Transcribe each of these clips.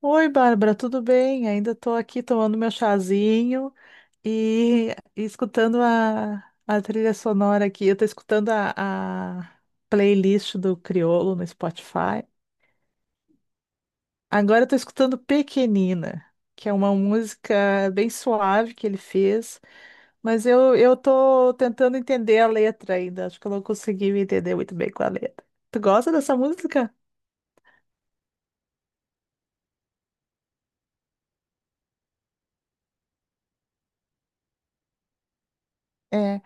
Oi, Bárbara, tudo bem? Ainda estou aqui tomando meu chazinho e, e escutando a trilha sonora aqui. Eu estou escutando a playlist do Criolo no Spotify. Agora eu estou escutando Pequenina, que é uma música bem suave que ele fez, mas eu estou tentando entender a letra ainda. Acho que eu não consegui me entender muito bem com a letra. Tu gosta dessa música? É.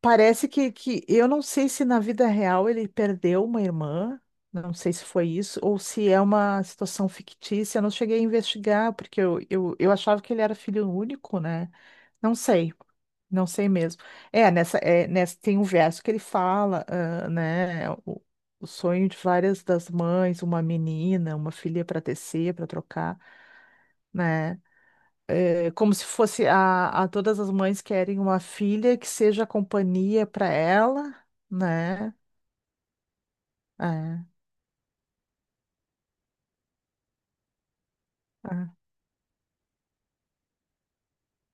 Parece que eu não sei se na vida real ele perdeu uma irmã, não sei se foi isso, ou se é uma situação fictícia. Eu não cheguei a investigar, porque eu achava que ele era filho único, né? Não sei, não sei mesmo. Nessa tem um verso que ele fala, ah, né? O sonho de várias das mães, uma menina, uma filha para tecer, para trocar, né? É como se fosse a todas as mães querem uma filha que seja companhia para ela, né? É,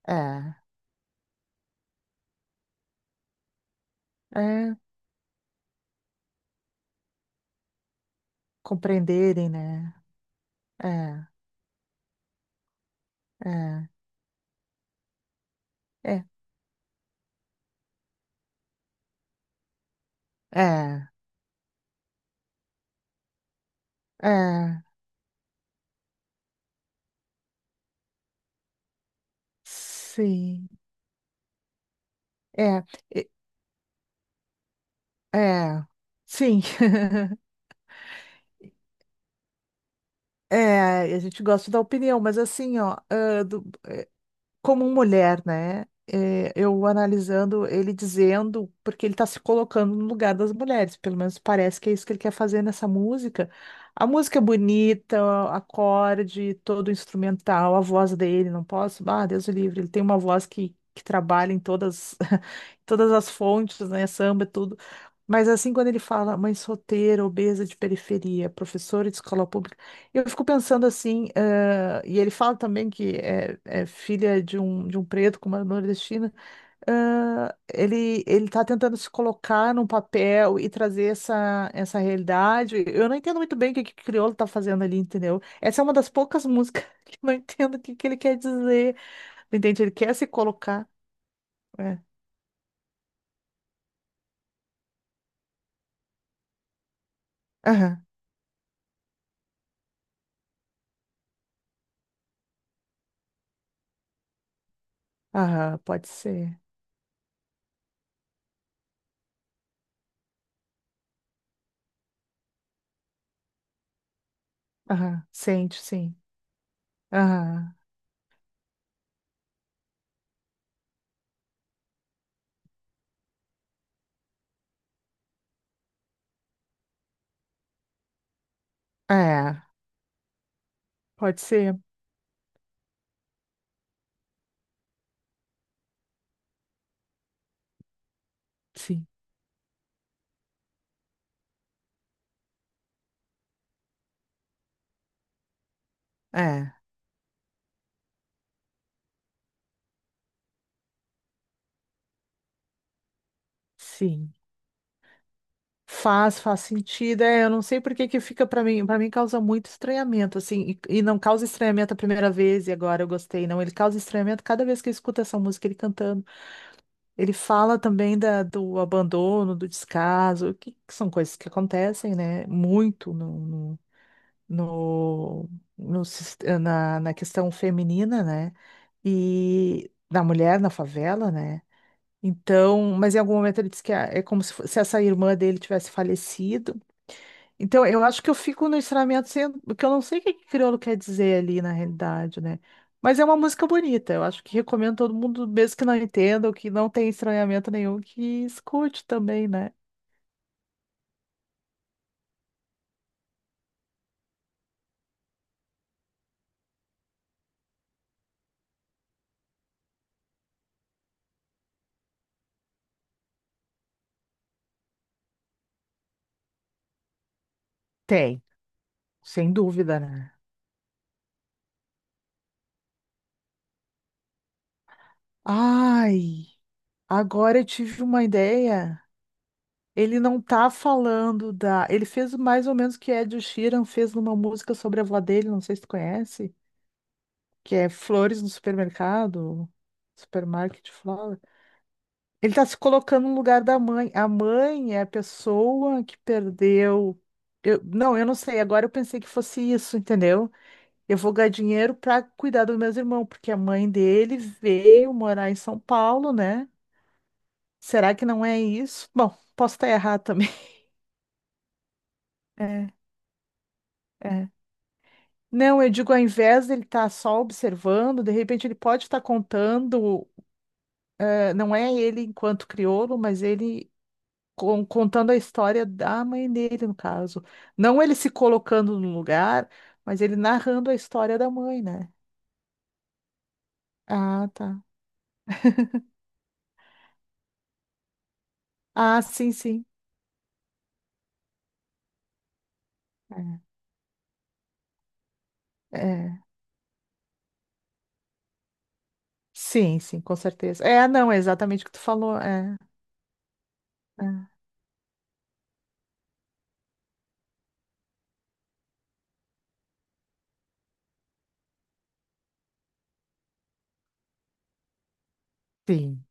é, é, é, compreenderem, né? É, é, é, é, é, sim, é, e- é, sim, é. A gente gosta da opinião, mas assim, ó, como mulher, né? É, eu analisando ele dizendo, porque ele está se colocando no lugar das mulheres, pelo menos parece que é isso que ele quer fazer nessa música. A música é bonita, o acorde, todo o instrumental, a voz dele, não posso, ah, Deus o livre, ele tem uma voz que trabalha em todas, todas as fontes, né? Samba, tudo. Mas assim, quando ele fala mãe solteira, obesa de periferia, professora de escola pública eu fico pensando assim, e ele fala também que é filha de um preto com uma nordestina. Ah, ele está tentando se colocar num papel e trazer essa realidade. Eu não entendo muito bem o que que o Criolo está fazendo ali, entendeu? Essa é uma das poucas músicas que eu não entendo o que ele quer dizer. Entende? Ele quer se colocar. É. Aham, aham, pode ser. Aham, sente, sim. Aham, é, pode ser, sim. É, sim. Faz, faz sentido. É, eu não sei por que que fica para mim causa muito estranhamento, assim, e não causa estranhamento a primeira vez e agora eu gostei, não. Ele causa estranhamento cada vez que eu escuto essa música ele cantando. Ele fala também do abandono, do descaso, que são coisas que acontecem, né? Muito no, no, no, no sis- na, na questão feminina, né? E da mulher na favela, né? Então, mas em algum momento ele disse que é como se, se essa irmã dele tivesse falecido. Então, eu acho que eu fico no estranhamento sendo, porque eu não sei o que que crioulo quer dizer ali na realidade, né? Mas é uma música bonita, eu acho que recomendo todo mundo, mesmo que não entenda ou que não tenha estranhamento nenhum, que escute também, né? Tem, sem dúvida, né? Ai, agora eu tive uma ideia. Ele não tá falando da. Ele fez mais ou menos o que Ed Sheeran fez numa música sobre a avó dele, não sei se tu conhece, que é Flores no Supermercado, Supermarket Flowers. Ele está se colocando no lugar da mãe. A mãe é a pessoa que perdeu. Não, eu não sei. Agora eu pensei que fosse isso, entendeu? Eu vou ganhar dinheiro para cuidar dos meus irmãos, porque a mãe dele veio morar em São Paulo, né? Será que não é isso? Bom, posso estar errado também. É, é. Não, eu digo, ao invés dele estar só observando, de repente ele pode estar contando, não é ele enquanto crioulo, mas ele contando a história da mãe dele, no caso. Não ele se colocando no lugar, mas ele narrando a história da mãe, né? Ah, tá. Ah, sim, sim. É. É. Sim, sim, com certeza. É, não, é exatamente o que tu falou. É, é. Sim,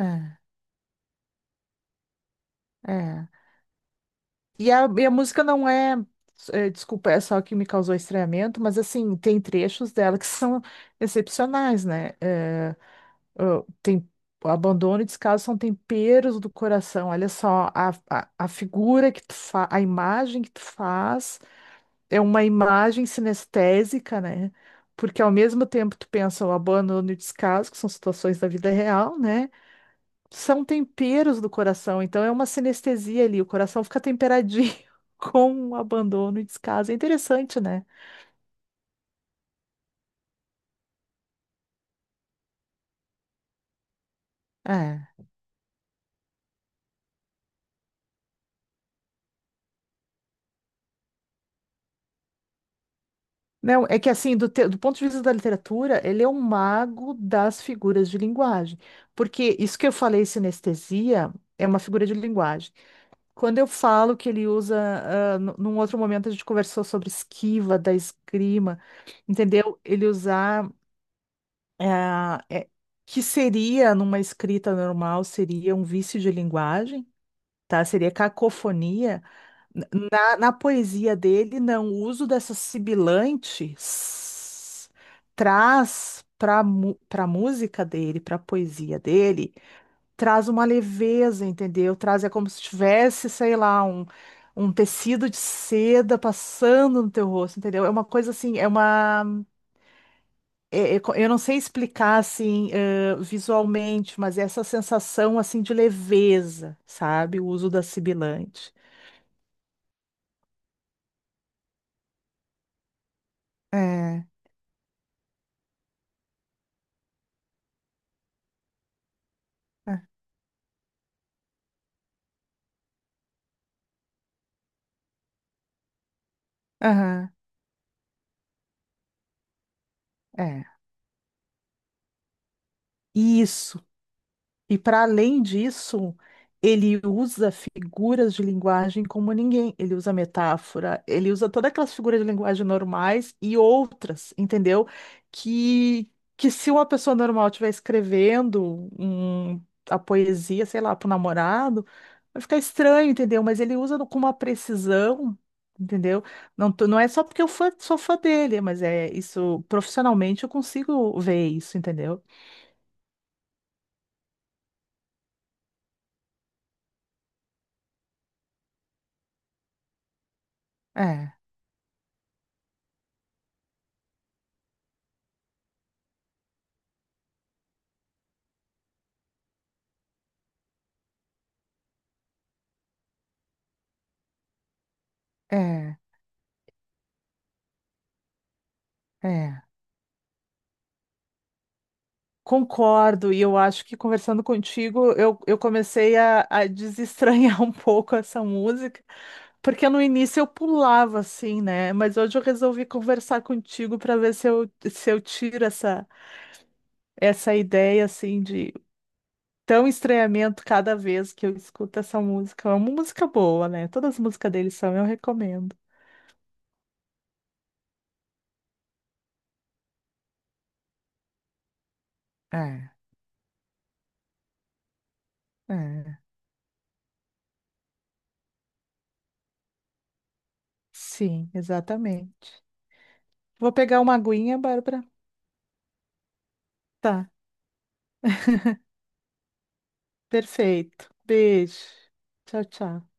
é, é. E a música não é, desculpa, é só que me causou estranhamento, mas assim, tem trechos dela que são excepcionais, né? É, ah, tem, abandono e descaso são temperos do coração. Olha só, a figura que tu faz, a imagem que tu faz é uma imagem sinestésica, né? Porque ao mesmo tempo tu pensa o abandono e o descaso, que são situações da vida real, né? São temperos do coração, então é uma sinestesia ali, o coração fica temperadinho com o abandono e descaso. É interessante, né? É. Não, é que assim, do ponto de vista da literatura, ele é um mago das figuras de linguagem. Porque isso que eu falei, sinestesia, é uma figura de linguagem. Quando eu falo que ele usa, num outro momento a gente conversou sobre esquiva da esgrima, entendeu? Ele usar, ah, é, que seria, numa escrita normal, seria um vício de linguagem, tá? Seria cacofonia. Na poesia dele, não, o uso dessa sibilante traz para música dele, para poesia dele, traz uma leveza, entendeu? Traz, é como se tivesse, sei lá, um tecido de seda passando no teu rosto, entendeu? É uma coisa assim, é uma. É- é co- eu não sei explicar assim, visualmente, mas é essa sensação assim de leveza, sabe? O uso da sibilante. É. É, Aham. É. Isso. E para além disso, ele usa figuras de linguagem como ninguém. Ele usa metáfora, ele usa todas aquelas figuras de linguagem normais e outras, entendeu? Que, que se uma pessoa normal estiver escrevendo a poesia, sei lá, para o namorado, vai ficar estranho, entendeu? Mas ele usa com uma precisão. Entendeu? Não, não é só porque eu sou fã dele, mas é isso, profissionalmente eu consigo ver isso, entendeu? É, é. É, concordo, e eu acho que conversando contigo, eu comecei a desestranhar um pouco essa música, porque no início eu pulava assim, né? Mas hoje eu resolvi conversar contigo para ver se eu tiro essa, essa ideia assim de tão estranhamento cada vez que eu escuto essa música. É uma música boa, né? Todas as músicas deles são, eu recomendo. É, é. Sim, exatamente. Vou pegar uma aguinha, Bárbara. Tá. Perfeito. Beijo. Tchau, tchau.